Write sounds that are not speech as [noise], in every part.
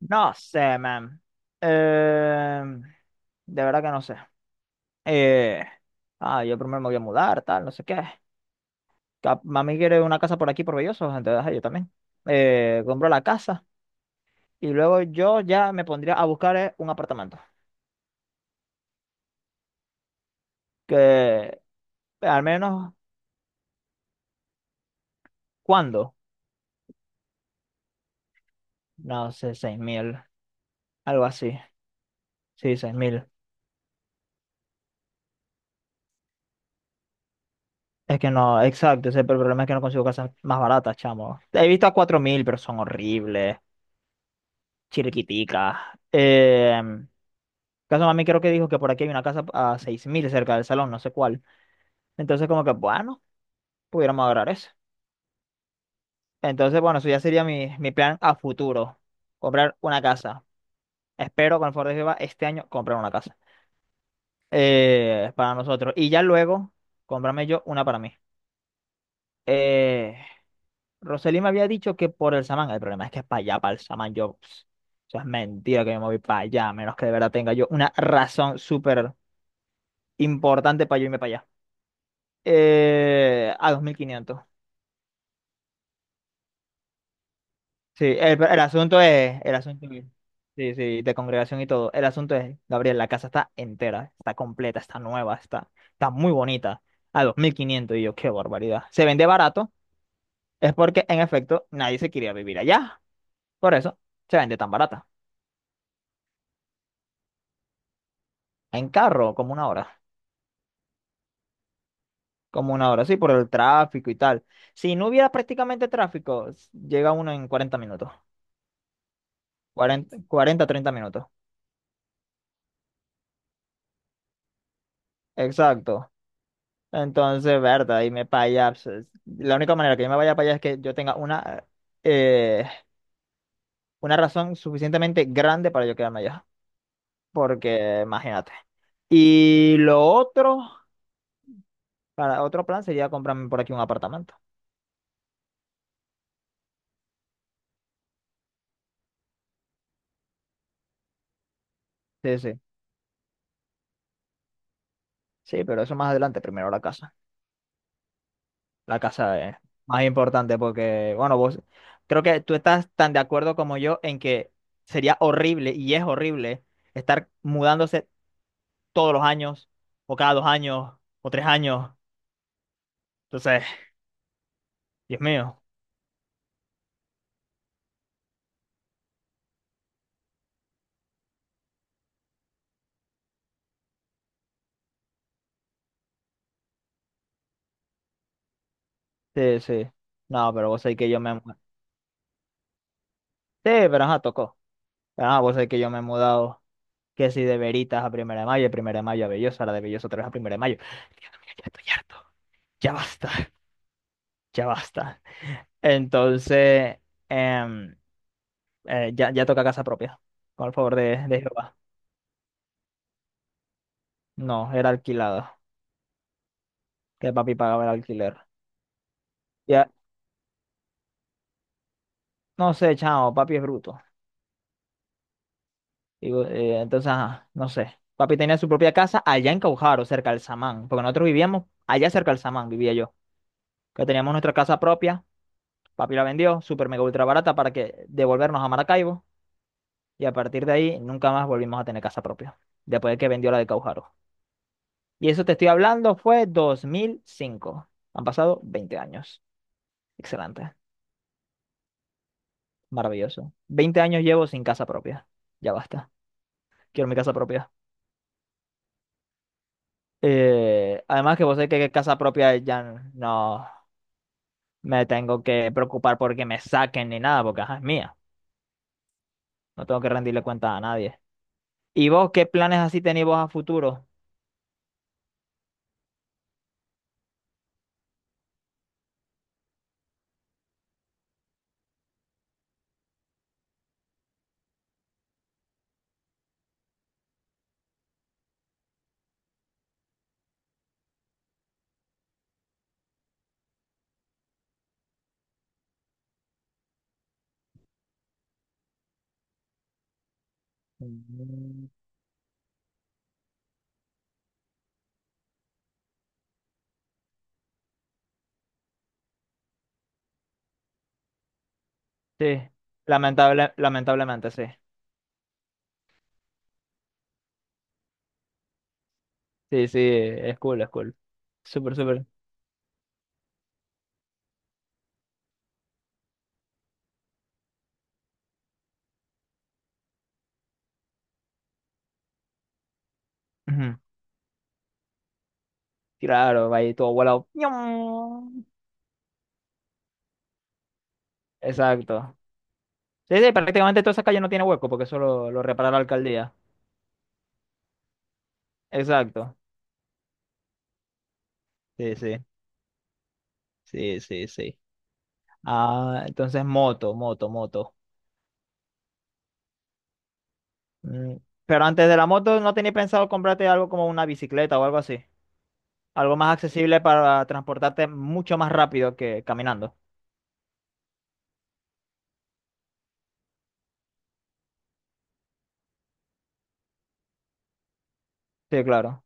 No sé, man. Eh, de verdad que no sé. Eh, yo primero me voy a mudar, tal, no sé qué. Mami quiere una casa por aquí, por Belloso, entonces ajá, yo también. Compro la casa y luego yo ya me pondría a buscar un apartamento. Que al menos, ¿cuándo? No sé, 6000, algo así. Sí, 6000. Es que no, exacto, ese es el problema, es que no consigo casas más baratas, chamo. He visto a 4000, pero son horribles. Chiriquitica. Caso mami creo que dijo que por aquí hay una casa a 6000 cerca del salón, no sé cuál. Entonces como que, bueno, pudiéramos agarrar eso. Entonces, bueno, eso ya sería mi plan a futuro. Comprar una casa. Espero con el favor de Jehová este año comprar una casa para nosotros. Y ya luego, comprarme yo una para mí. Eh, Roseli me había dicho que por el Samán. El problema es que es para allá, para el Samán. Yo, pss, eso es mentira que me moví para allá, a menos que de verdad tenga yo una razón súper importante para yo irme para allá. A 2500. Sí, el asunto es, sí, sí, de congregación y todo. El asunto es, Gabriel, la casa está entera, está completa, está nueva, está muy bonita. A 2500 y yo, qué barbaridad. Se vende barato, es porque en efecto nadie se quería vivir allá. Por eso se vende tan barata. En carro, como una hora. Como una hora, sí, por el tráfico y tal. Si no hubiera prácticamente tráfico, llega uno en 40 minutos. 40, 40 30 minutos. Exacto. Entonces, verdad, y me paya, pues. La única manera que yo me vaya para allá es que yo tenga eh, una razón suficientemente grande para yo quedarme allá. Porque, imagínate. Y lo otro, para otro plan sería comprarme por aquí un apartamento. Sí, sí. Sí, pero eso más adelante, primero la casa. La casa es más importante porque, bueno, vos, creo que tú estás tan de acuerdo como yo en que sería horrible y es horrible estar mudándose todos los años o cada 2 años o 3 años. Entonces, Dios mío. Sí, sí. No, pero vos sabés que yo sí, pero ajá, tocó. Pero ajá, vos sabés que yo me he mudado, que si de Veritas a Primera de Mayo, de Primera de Mayo a Belloso, ahora de Belloso otra vez a Primera de Mayo. Dios mío, ya estoy harto. Ya basta, [laughs] ya basta. Entonces, em, ya, ya toca casa propia, con el favor de Jehová. No, era alquilado, que papi pagaba el alquiler. Ya, no sé, chao, papi es bruto. Entonces, ajá, no sé. Papi tenía su propia casa allá en Caujaro, cerca del Samán, porque nosotros vivíamos allá cerca del Samán, vivía yo. Que teníamos nuestra casa propia, papi la vendió super mega ultra barata para que devolvernos a Maracaibo. Y a partir de ahí nunca más volvimos a tener casa propia, después de que vendió la de Caujaro. Y eso te estoy hablando fue 2005. Han pasado 20 años. Excelente, maravilloso. 20 años llevo sin casa propia. Ya basta, quiero mi casa propia. Además que vos sabés que casa propia ya no me tengo que preocupar porque me saquen ni nada, porque ajá, es mía. No tengo que rendirle cuenta a nadie. ¿Y vos qué planes así tenéis vos a futuro? Mm. Sí, lamentablemente, sí. Sí, sí, es cool, es cool. Súper, súper. Ujú. Claro, va ahí todo volado. ¡Ñam! Exacto. Sí, sí, prácticamente toda esa calle no tiene hueco porque eso lo repara la alcaldía. Exacto. Sí, sí, sí, sí, sí. Ah, entonces moto, moto, moto. Mm. Pero antes de la moto, ¿no tenías pensado comprarte algo como una bicicleta o algo así? Algo más accesible para transportarte mucho más rápido que caminando. Sí, claro.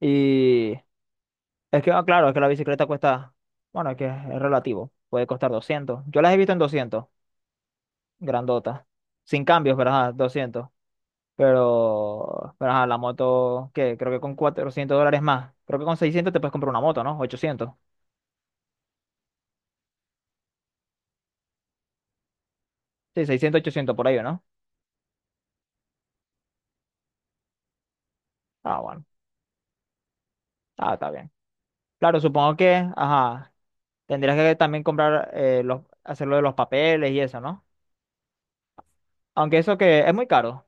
Y claro, es que la bicicleta cuesta, bueno, es que es relativo. Puede costar 200. Yo las he visto en 200, grandotas. Sin cambios, pero ajá, 200. Pero ajá, la moto, ¿qué? Creo que con 400 dólares más. Creo que con 600 te puedes comprar una moto, ¿no? 800. Sí, 600 800 por ahí, ¿no? Ah, bueno. Ah, está bien. Claro, supongo que, ajá, tendrías que también comprar, los, hacerlo de los papeles y eso, ¿no? Aunque eso que es muy caro.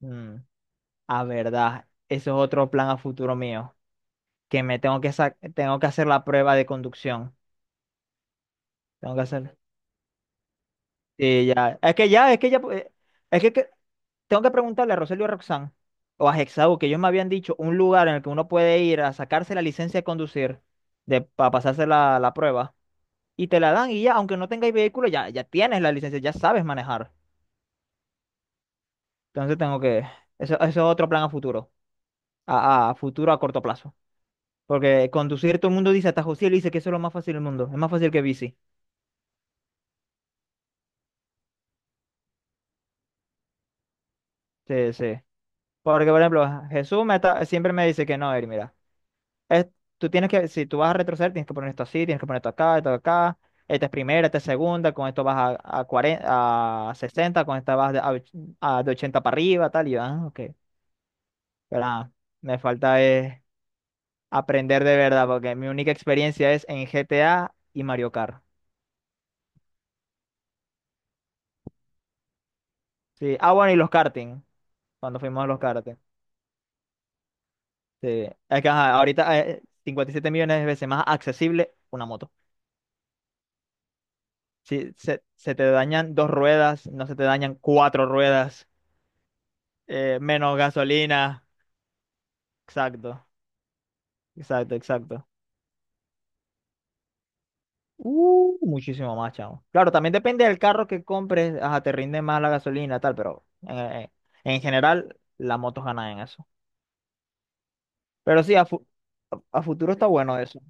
Mm, a verdad, eso es otro plan a futuro mío, que me tengo que sa- tengo que hacer la prueba de conducción. Tengo que hacer. Sí, ya. Es que ya, es que ya, es que- Tengo que preguntarle a Rogelio y a Roxanne o a Hexau, que ellos me habían dicho un lugar en el que uno puede ir a sacarse la licencia de conducir, de, para pasarse la prueba y te la dan y ya, aunque no tengáis vehículo, ya, ya tienes la licencia, ya sabes manejar. Entonces tengo que, eso es otro plan a futuro, a futuro a corto plazo. Porque conducir todo el mundo dice, hasta José le dice que eso es lo más fácil del mundo, es más fácil que bici. Sí, sí. Porque, por ejemplo, siempre me dice que no, Eri, mira, es, tú tienes que, si tú vas a retroceder, tienes que poner esto así, tienes que poner esto acá, esta es primera, esta es segunda, con esto vas a 40 a 60, con esta vas de, a, och- a de 80 para arriba, tal, y yo, ah, ok. Pero ah, Me falta es aprender de verdad, porque mi única experiencia es en GTA y Mario Kart. Sí. Ah, bueno, y cuando fuimos a los karting. Sí. Es que ajá, ahorita 57 millones de veces más accesible una moto. Si se, se te dañan dos ruedas, no se te dañan cuatro ruedas, menos gasolina. Exacto, exacto, exacto. Muchísimo más, chavo. Claro, también depende del carro que compres, ajá, te rinde más la gasolina, tal, pero en general las motos ganan en eso. Pero sí, a futuro está bueno eso,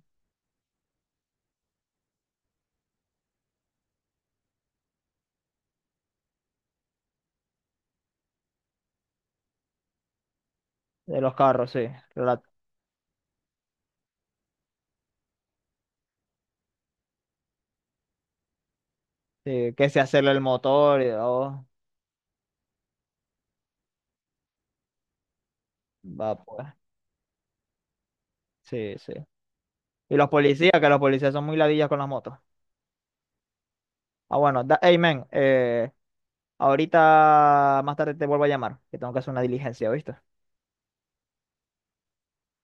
de los carros, sí, rela-. Sí, que se hacerle el motor y oh, va pues. Sí, sí. Y los policías, que los policías son muy ladillas con las motos. Ah, bueno, da, hey, men, ahorita más tarde te vuelvo a llamar, que tengo que hacer una diligencia, ¿viste?